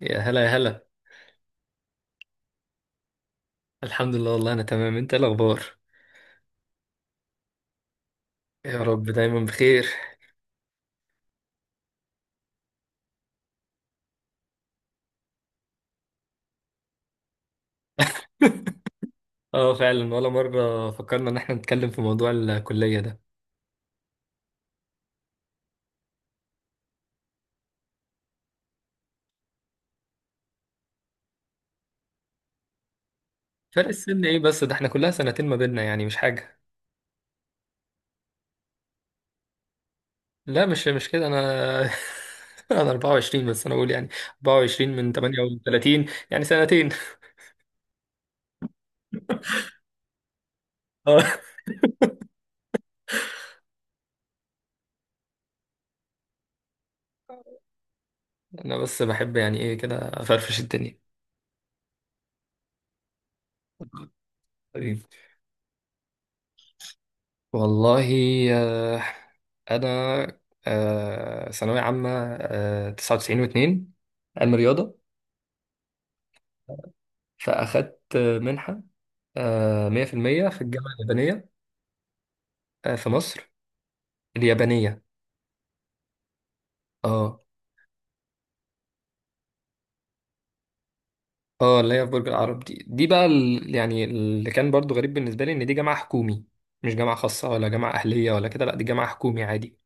يا هلا يا هلا. الحمد لله، والله انا تمام. انت إيه الاخبار؟ يا رب دايما بخير. اه، فعلا ولا مره فكرنا ان احنا نتكلم في موضوع الكليه ده. فرق السن ايه بس؟ ده احنا كلها سنتين ما بيننا، يعني مش حاجه. لا، مش كده، انا انا 24، بس انا بقول يعني 24 من 38، يعني سنتين. اه، انا بس بحب يعني ايه كده افرفش الدنيا. حبيبي. والله آه، انا ثانويه عامه، 99 و2، علم رياضه. فأخدت منحة مية في المية في الجامعة اليابانية، في مصر. اليابانية، اه. اه، اللي هي في برج العرب دي، يعني اللي كان برضو غريب بالنسبة لي إن دي جامعة حكومي. مش جامعة خاصة ولا جامعة أهلية ولا كده، لأ دي جامعة حكومي عادي.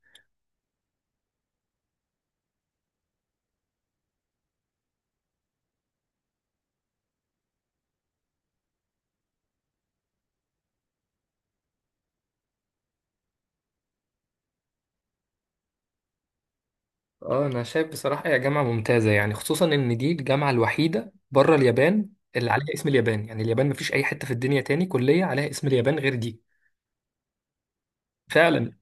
اه، أنا شايف بصراحة هي جامعة ممتازة، يعني خصوصا إن دي الجامعة الوحيدة بره اليابان اللي عليها اسم اليابان. يعني اليابان مفيش أي حتة في الدنيا تاني كلية عليها اسم اليابان غير دي، فعلا.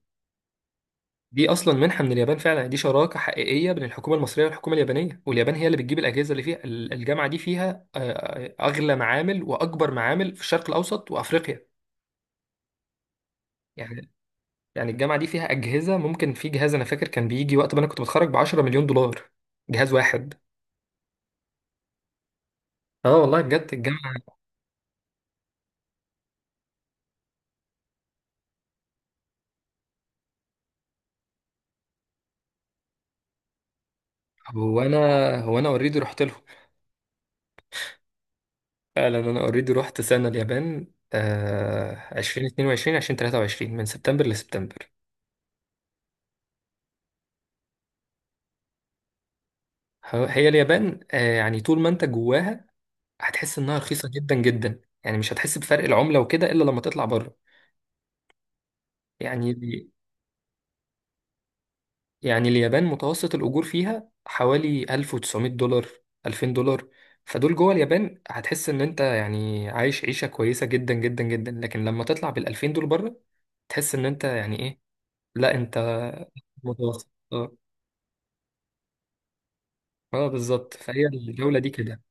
دي اصلا منحه من اليابان، فعلا دي شراكه حقيقيه بين الحكومه المصريه والحكومه اليابانيه، واليابان هي اللي بتجيب الاجهزه اللي فيها. الجامعه دي فيها اغلى معامل واكبر معامل في الشرق الاوسط وافريقيا. يعني الجامعه دي فيها اجهزه، ممكن في جهاز انا فاكر كان بيجي وقت ما انا كنت بتخرج ب 10 مليون دولار. جهاز واحد. اه والله بجد الجامعه. هو انا هو انا اوريدي رحت لهم. فعلا انا اوريدي رحت سنه اليابان، 2022 2023، من سبتمبر لسبتمبر. هي اليابان، يعني طول ما انت جواها هتحس انها رخيصه جدا جدا، يعني مش هتحس بفرق العمله وكده الا لما تطلع بره. يعني اليابان متوسط الاجور فيها حوالي 1900 دولار، 2000 دولار. فدول جوه اليابان هتحس ان انت يعني عايش عيشه كويسه جدا جدا جدا، لكن لما تطلع بال 2000 دول بره تحس ان انت يعني ايه. لا انت متوسط. اه، اه بالظبط، فهي الجوله دي كده.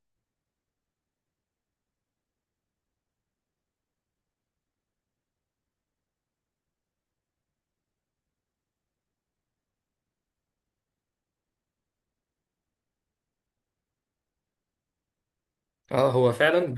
اه هو فعلا.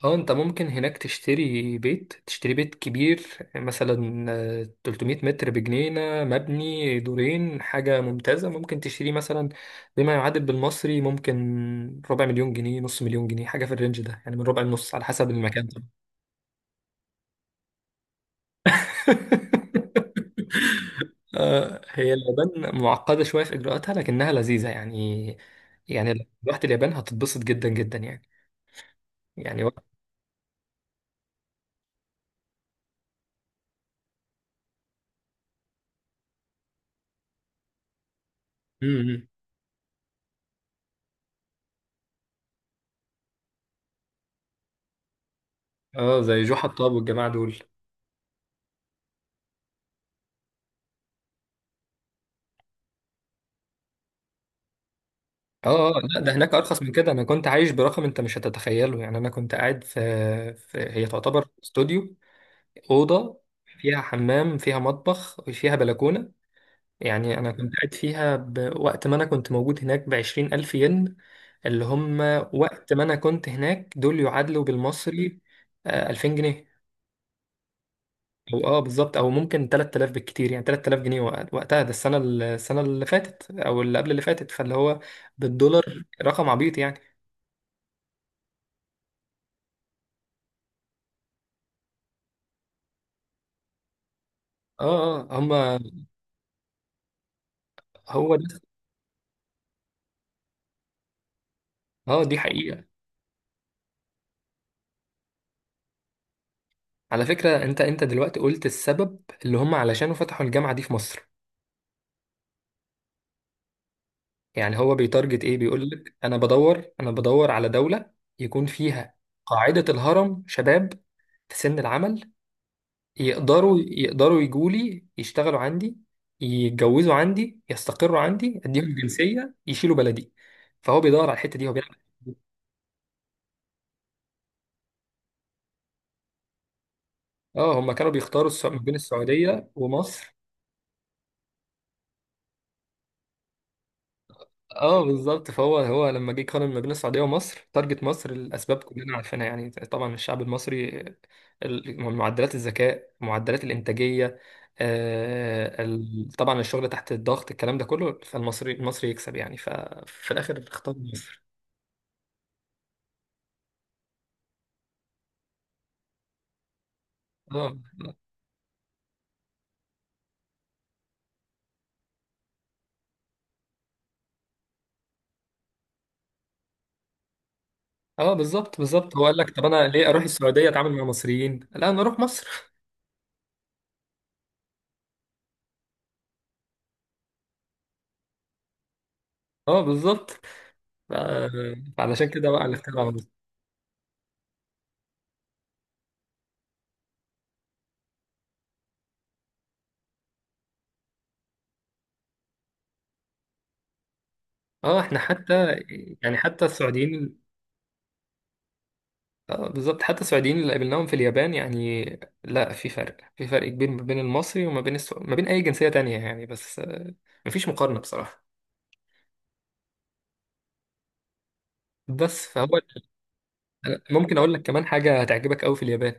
اه، انت ممكن هناك تشتري بيت، تشتري بيت كبير مثلا 300 متر بجنينة مبني دورين، حاجة ممتازة ممكن تشتريه مثلا، بما يعادل بالمصري ممكن ربع مليون جنيه، نص مليون جنيه، حاجة في الرينج ده يعني، من ربع لنص على حسب المكان طبعا. هي اليابان معقدة شوية في إجراءاتها لكنها لذيذة، يعني لو رحت اليابان هتتبسط جدا جدا، يعني. وقت. اه، زي جو حطاب والجماعة دول. اه، اه، لا ده هناك ارخص من كده، انا كنت عايش برقم انت مش هتتخيله يعني. انا كنت قاعد في هي تعتبر استوديو، اوضه فيها حمام، فيها مطبخ وفيها بلكونه. يعني انا كنت قاعد فيها بوقت ما انا كنت موجود هناك ب 20 الف ين، اللي هم وقت ما انا كنت هناك دول يعادلوا بالمصري 2000 جنيه. او اه بالظبط، او ممكن 3000 بالكتير، يعني 3000 جنيه وقتها ده. السنه اللي فاتت او اللي قبل اللي فاتت، فاللي هو بالدولار رقم عبيط يعني. اه اه هما هو ده. اه دي حقيقة. على فكرة، انت دلوقتي قلت السبب اللي هم علشانه فتحوا الجامعة دي في مصر. يعني هو بيتارجت ايه؟ بيقول لك انا بدور، انا بدور على دولة يكون فيها قاعدة الهرم شباب، في سن العمل، يقدروا يجوا لي يشتغلوا عندي، يتجوزوا عندي، يستقروا عندي، اديهم جنسية يشيلوا بلدي. فهو بيدور على الحتة دي، هو بيعمل. اه، هم كانوا بيختاروا ما بين السعودية ومصر. اه بالظبط، فهو لما جه يقارن ما بين السعوديه ومصر، تارجت مصر. الاسباب كلنا عارفينها يعني، طبعا الشعب المصري، معدلات الذكاء، معدلات الانتاجيه، طبعا الشغل تحت الضغط، الكلام ده كله، فالمصري المصري يكسب يعني، ففي الاخر اختار مصر. اه، اه اه بالظبط بالظبط، هو قال لك طب انا ليه اروح السعوديه اتعامل مع مصريين؟ لا انا اروح مصر. اه بالظبط. ف- فعلشان كده بقى اللي اختار على مصر. اه احنا حتى يعني حتى السعوديين. اه بالظبط، حتى السعوديين اللي قابلناهم في اليابان يعني، لا في فرق، في فرق كبير ما بين المصري وما بين ما بين اي جنسية تانية يعني، بس مفيش مقارنة بصراحة. بس فهو، أنا ممكن اقول لك كمان حاجة هتعجبك قوي في اليابان.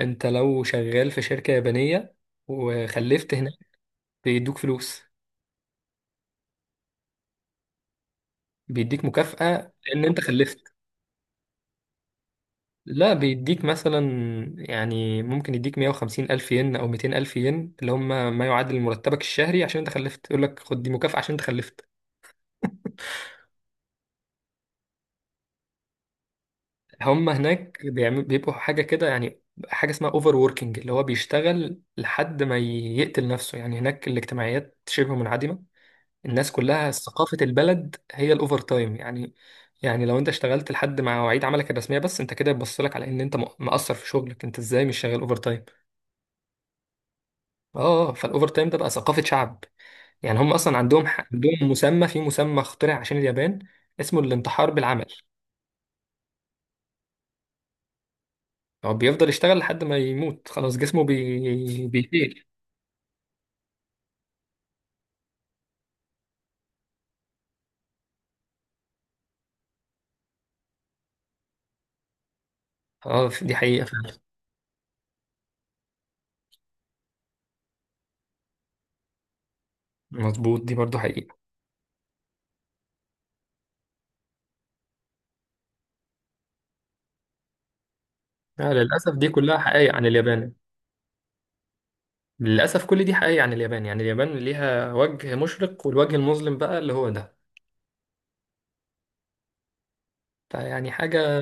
انت لو شغال في شركة يابانية وخلفت هناك، بيدوك فلوس، بيديك مكافأة لان انت خلفت. لا بيديك مثلا، يعني ممكن يديك 150 ألف ين أو 200 ألف ين، اللي هم ما يعادل مرتبك الشهري عشان أنت خلفت. يقول لك خد دي مكافأة عشان أنت خلفت. هم هناك بيبقوا حاجة كده يعني، حاجة اسمها اوفر ووركينج، اللي هو بيشتغل لحد ما يقتل نفسه يعني. هناك الاجتماعيات شبه منعدمة، الناس كلها ثقافة البلد هي الاوفر تايم يعني. يعني لو انت اشتغلت لحد ما مواعيد عملك الرسمية بس، انت كده بتبص لك على ان انت مقصر في شغلك، انت ازاي مش شغال اوفر تايم؟ اه فالاوفر تايم ده بقى ثقافة شعب يعني. هم اصلا عندهم مسمى، في مسمى اخترع عشان اليابان، اسمه الانتحار بالعمل. هو بيفضل يشتغل لحد ما يموت، خلاص جسمه بيفيل. اه دي حقيقة فعلا. مظبوط دي برضو حقيقة. لا للأسف دي كلها حقائق عن اليابان. للأسف كل دي حقائق عن اليابان. يعني اليابان ليها وجه مشرق والوجه المظلم بقى اللي هو ده، فيعني حاجة.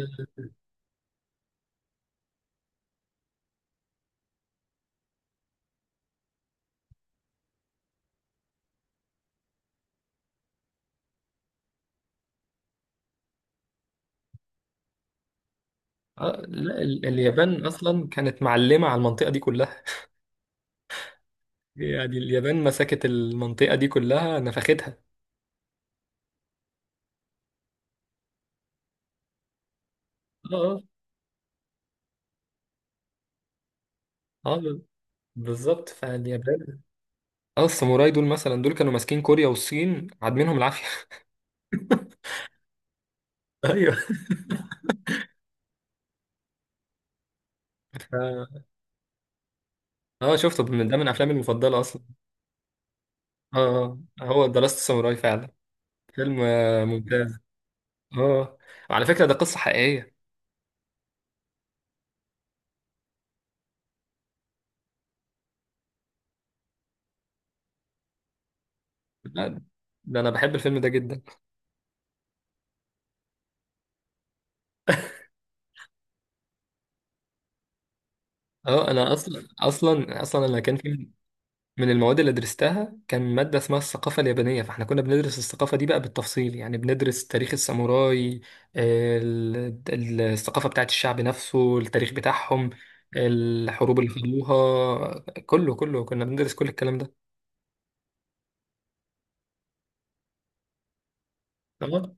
آه لا، اليابان أصلا كانت معلمة على المنطقة دي كلها. يعني اليابان مسكت المنطقة دي كلها نفختها. اه اه اه بالظبط، فاليابان. اه الساموراي دول مثلا، دول كانوا ماسكين كوريا والصين عادمينهم العافية. ايوه. ف- اه شفته، من أفلامي المفضلة أصلا. اه، هو ذا لاست ساموراي فعلا. فيلم ممتاز. اه، وعلى فكرة ده قصة حقيقية. لا، ده انا بحب الفيلم ده جدا. اه، انا اصلا اصلا اصلا انا كان في من المواد اللي درستها كان مادة اسمها الثقافة اليابانية، فاحنا كنا بندرس الثقافة دي بقى بالتفصيل، يعني بندرس تاريخ الساموراي، الثقافة بتاعت الشعب نفسه، التاريخ بتاعهم، الحروب اللي خدوها، كله كله كنا بندرس كل الكلام ده. تمام.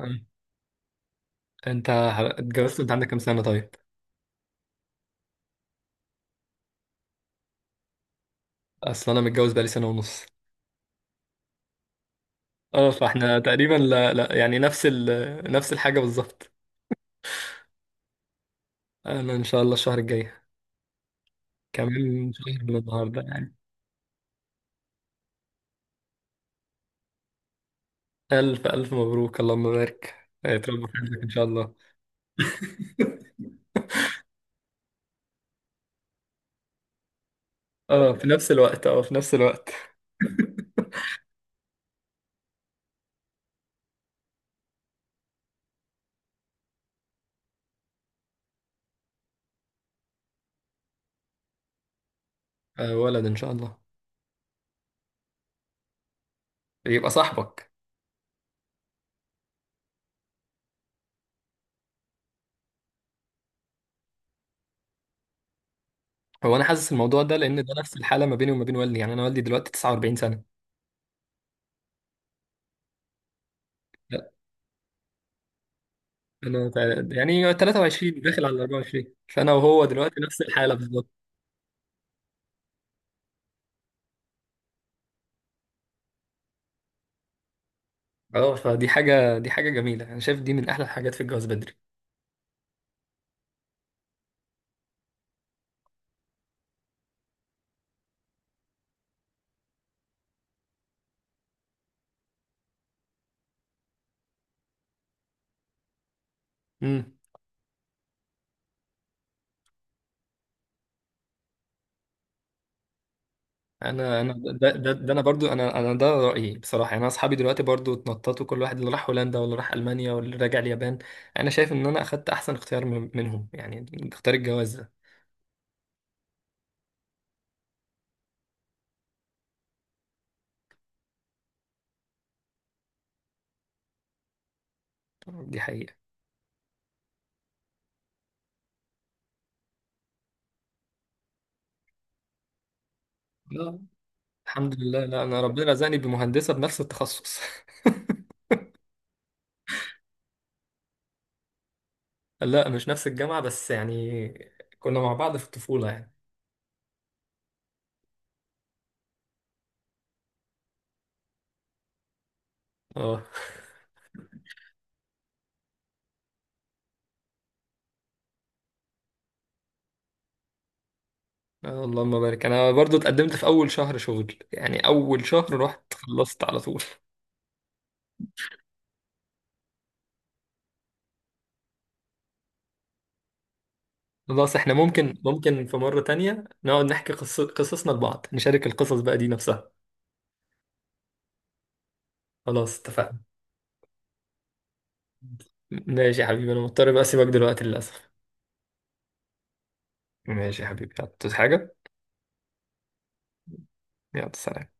آه. انت اتجوزت، انت عندك كام سنة طيب؟ اصل انا متجوز بقالي سنه ونص. اه فاحنا تقريبا، لا لا يعني نفس نفس الحاجه بالظبط. انا ان شاء الله الشهر الجاي، كمان شهر من النهارده يعني. الف الف مبروك، اللهم بارك. تربى في حياتك ان شاء الله. اه في نفس الوقت، اه في نفس الوقت. آه ولد ان شاء الله، يبقى صاحبك. هو انا حاسس الموضوع ده لان ده نفس الحاله ما بيني وما بين والدي، يعني انا والدي دلوقتي 49 سنه. لا انا يعني 23 داخل على 24، فانا وهو دلوقتي نفس الحاله بالظبط. اه فدي حاجه، دي حاجه جميله، انا شايف دي من احلى الحاجات في الجواز بدري. امم. انا انا ده, ده, ده انا برضو انا انا ده رايي بصراحه يعني. انا اصحابي دلوقتي برضو اتنططوا، كل واحد اللي راح هولندا واللي راح المانيا واللي راجع اليابان. انا شايف ان انا اخدت احسن اختيار منهم يعني، اختيار الجواز ده. دي حقيقه. لا الحمد لله، لا انا ربنا رزقني بمهندسه بنفس التخصص. لا مش نفس الجامعه، بس يعني كنا مع بعض في الطفوله يعني. اه، اللهم بارك. انا برضو اتقدمت في اول شهر شغل، يعني اول شهر رحت خلصت على طول. خلاص احنا ممكن في مرة تانية نقعد نحكي قصصنا لبعض، نشارك القصص بقى دي نفسها. خلاص اتفقنا. ماشي يا حبيبي، انا مضطر بقى اسيبك دلوقتي للاسف. ماشي يا حبيبي، يلا، عاوز حاجة؟ يلا سلام.